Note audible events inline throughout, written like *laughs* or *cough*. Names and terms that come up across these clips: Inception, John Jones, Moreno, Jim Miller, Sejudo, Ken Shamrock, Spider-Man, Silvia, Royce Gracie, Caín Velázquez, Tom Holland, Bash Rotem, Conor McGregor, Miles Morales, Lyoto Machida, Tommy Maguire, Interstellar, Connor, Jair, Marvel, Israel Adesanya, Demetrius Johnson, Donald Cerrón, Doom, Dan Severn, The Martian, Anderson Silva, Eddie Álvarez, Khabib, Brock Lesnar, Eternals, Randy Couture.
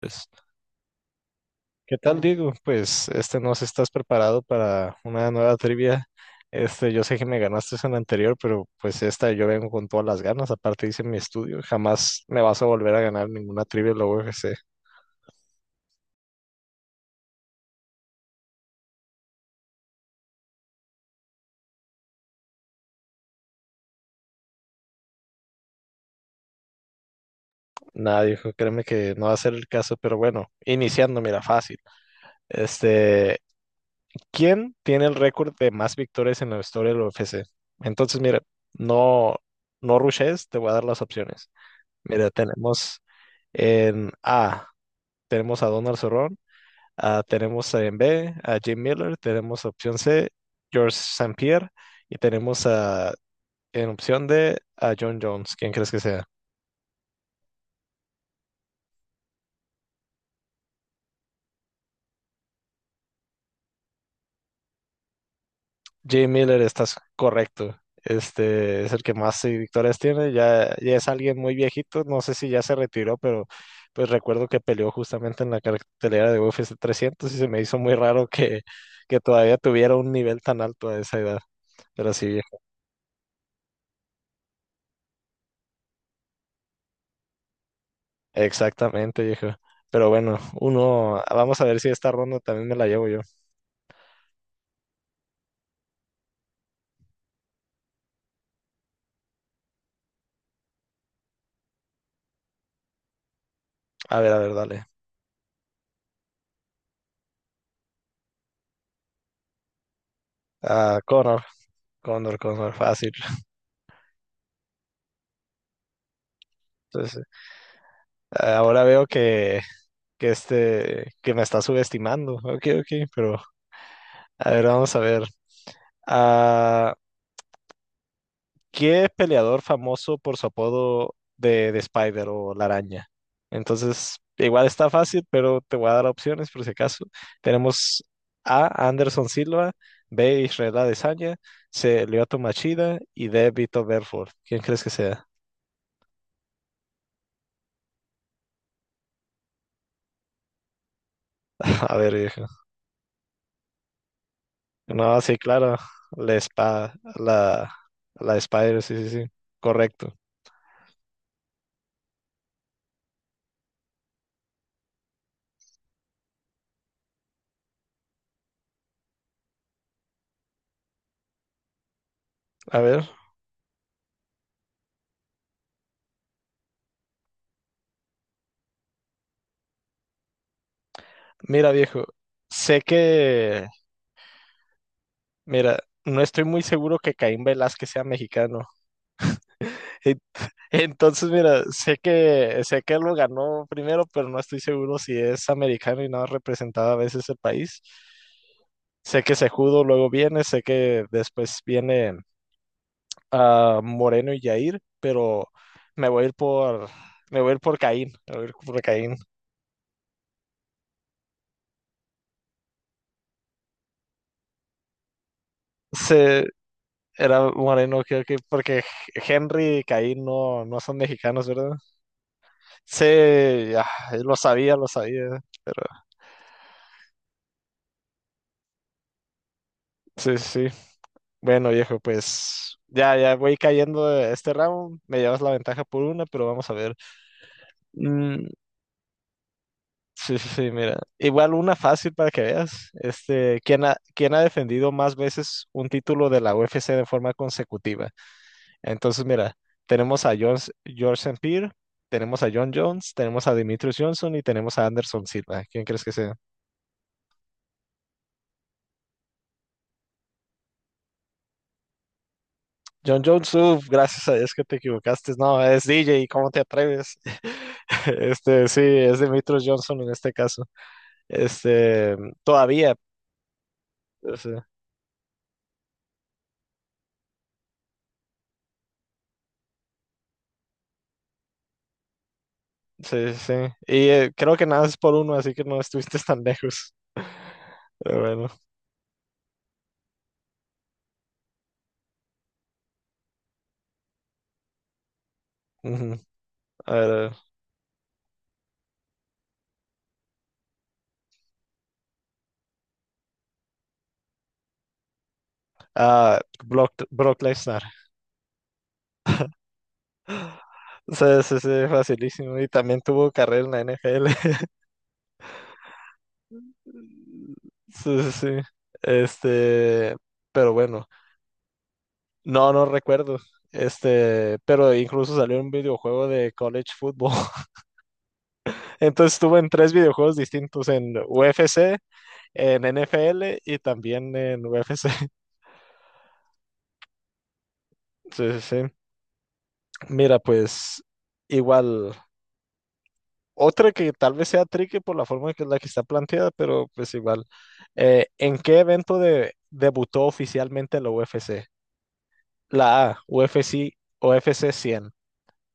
Pues, ¿qué tal, Diego? Pues no sé si estás preparado para una nueva trivia. Yo sé que me ganaste en la anterior, pero pues esta yo vengo con todas las ganas. Aparte hice mi estudio, jamás me vas a volver a ganar ninguna trivia en la UFC. Nada, dijo, créeme que no va a ser el caso, pero bueno, iniciando, mira, fácil. Este, ¿Quién tiene el récord de más victorias en la historia de la UFC? Entonces, mira, no, no rushes, te voy a dar las opciones. Mira, tenemos en A, tenemos a Donald Cerrón, tenemos en B a Jim Miller, tenemos opción C, George St. Pierre, y tenemos a, en opción D a John Jones. ¿Quién crees que sea? Jim Miller, estás correcto. Este es el que más victorias tiene. Ya, ya es alguien muy viejito. No sé si ya se retiró, pero pues recuerdo que peleó justamente en la cartelera de UFC 300 y se me hizo muy raro que todavía tuviera un nivel tan alto a esa edad. Pero sí, exactamente, viejo. Pero bueno, uno, vamos a ver si esta ronda también me la llevo yo. A ver, dale. Ah, Connor, Connor, fácil. Entonces, ahora veo que que me está subestimando. Ok, ok, pero a ver, vamos a ver. Ah, ¿qué peleador famoso por su apodo de Spider o la araña? Entonces, igual está fácil, pero te voy a dar opciones por si acaso. Tenemos A. Anderson Silva, B. Israel Adesanya, C. Lyoto Machida y D. Vito Belfort. ¿Quién crees que sea? *laughs* A ver, viejo. No, sí, claro. La spa, la, la Spider, sí, sí, sí. Correcto. A ver, mira, viejo. Sé que, mira, no estoy muy seguro que Caín Velázquez sea mexicano. *laughs* Entonces, mira, sé que lo ganó primero, pero no estoy seguro si es americano y no ha representado a veces el país. Sé que Sejudo luego viene, sé que después viene Moreno y Jair, pero me voy a ir por me voy a ir por Caín, me voy a ir por Caín. Se, era Moreno, creo que porque Henry y Caín no, no son mexicanos, ¿verdad? Sí, ya, lo sabía, pero sí, sí, sí. Bueno, viejo, pues ya, ya voy cayendo de este round. Me llevas la ventaja por una, pero vamos a ver. Mm, sí, sí, sí, mira. Igual una fácil para que veas. ¿Quién ha, quién ha defendido más veces un título de la UFC de forma consecutiva? Entonces, mira, tenemos a Jones, George St. Pierre, tenemos a John Jones, tenemos a Demetrius Johnson y tenemos a Anderson Silva. ¿Quién crees que sea? John Jones, uf, gracias a Dios que te equivocaste. No, es DJ, ¿cómo te atreves? *laughs* Este, sí, es Demetrius Johnson en este caso. Este, todavía. O sea, sí, sí. Y creo que nada es por uno, así que no estuviste tan lejos. Pero bueno. Ujú. A ver, a ver. Ah, Brock, Brock Lesnar. Sí, sí, sí, facilísimo. Y también tuvo carrera en la NFL. *laughs* Sí, sí, sí. Este, pero bueno. No, no recuerdo. Pero incluso salió un videojuego de college football. *laughs* Entonces estuve en tres videojuegos distintos, en UFC, en NFL y también en UFC. Entonces, *laughs* sí, sí, sí. Mira, pues igual, otra que tal vez sea tricky por la forma que la que está planteada, pero pues igual. ¿En qué evento de, debutó oficialmente la UFC? La A, UFC 100.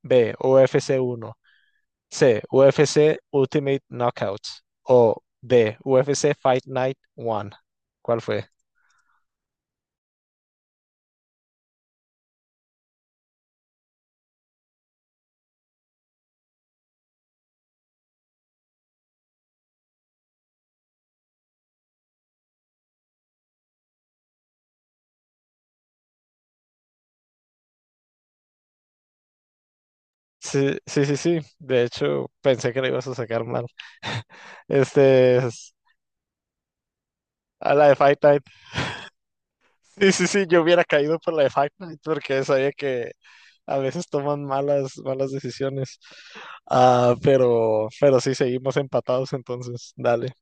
B, UFC 1. C. UFC Ultimate Knockouts. O D. UFC Fight Night One. ¿Cuál fue? Sí, sí, sí, sí. De hecho, pensé que lo ibas a sacar mal. *laughs* Este es a la de Fight Night. Sí, sí, sí, yo hubiera caído por la de Fight Night porque sabía que a veces toman malas, malas decisiones. Ah, pero sí, seguimos empatados entonces, dale.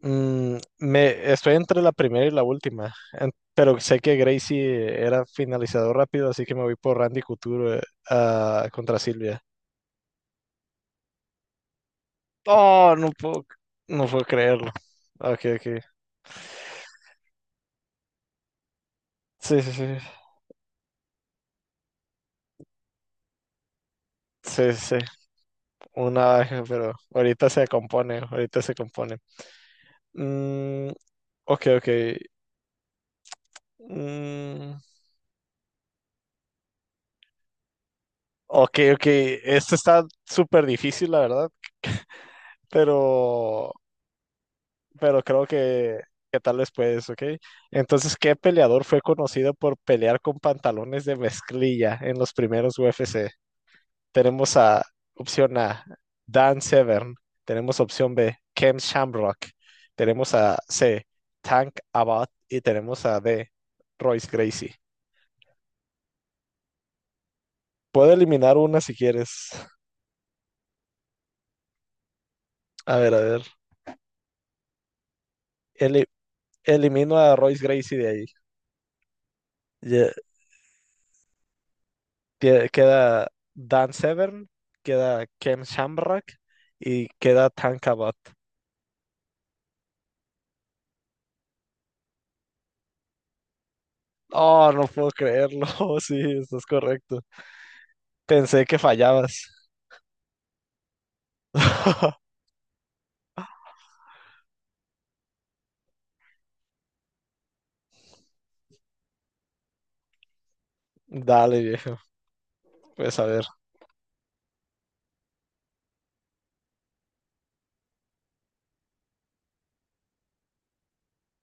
Mm, me, estoy entre la primera y la última, en- pero sé que Gracie era finalizador rápido, así que me voy por Randy Couture, contra Silvia. Oh, no puedo, no puedo creerlo. Ok, ok. Sí, sí, sí. Sí, sí, sí. Una baja, pero ahorita se compone, ahorita se compone. Mm, ok, ok. Mm, ok, ok. Esto está súper difícil, la verdad, pero, pero creo que tal vez puedes, ok. Entonces, ¿qué peleador fue conocido por pelear con pantalones de mezclilla en los primeros UFC? Tenemos a opción A, Dan Severn. Tenemos opción B, Ken Shamrock. Tenemos a C, Tank Abbott. Y tenemos a D, Royce Gracie. Puedo eliminar una si quieres. A ver, a ver. Eli- elimino a Royce Gracie de ahí. Ya, tie- queda Dan Severn, queda Ken Shamrock y queda Tank Abbott. Oh, no puedo creerlo. *laughs* Sí, estás correcto. Pensé que fallabas. *laughs* Dale, viejo. Pues a ver.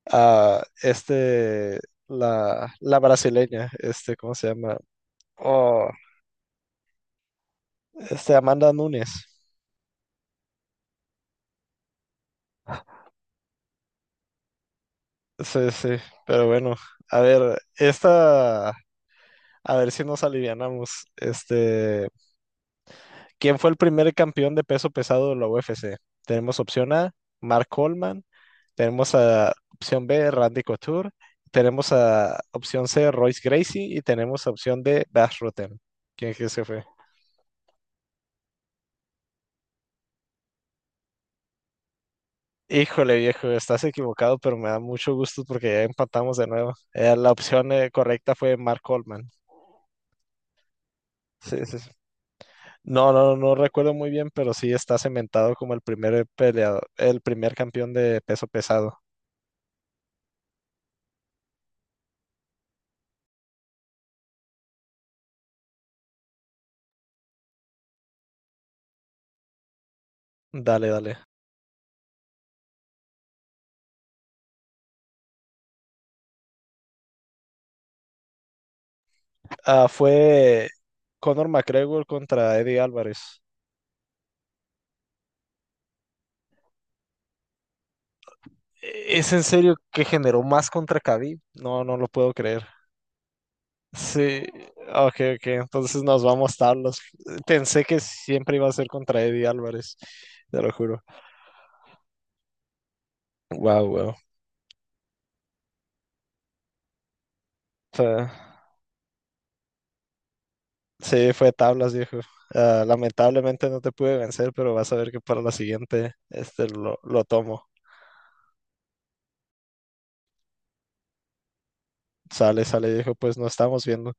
Ah, la, la brasileña, este, ¿cómo se llama? Oh, este, Amanda Nunes. Sí, sí, pero bueno. A ver, esta, a ver si nos alivianamos. ¿Quién fue el primer campeón de peso pesado de la UFC? Tenemos opción A, Mark Coleman. Tenemos a opción B, Randy Couture. Tenemos a opción C, Royce Gracie. Y tenemos a opción D, Bash Rotem. ¿Quién crees que fue? Híjole, viejo, estás equivocado, pero me da mucho gusto porque ya empatamos de nuevo. La opción correcta fue Mark Coleman. Sí, sí, sí. No, no, no recuerdo muy bien, pero sí está cementado como el primer peleador, el primer campeón de peso pesado. Dale, dale. Ah, fue Conor McGregor contra Eddie Álvarez. E-, ¿es en serio que generó más contra Khabib? No, no lo puedo creer. Sí, ok, ok, entonces nos vamos tablas. Pensé que siempre iba a ser contra Eddie Álvarez, te lo juro. Wow, wow. Sí, fue tablas, viejo. Ah, lamentablemente no te pude vencer, pero vas a ver que para la siguiente lo tomo. Sale, sale, viejo, pues nos estamos viendo.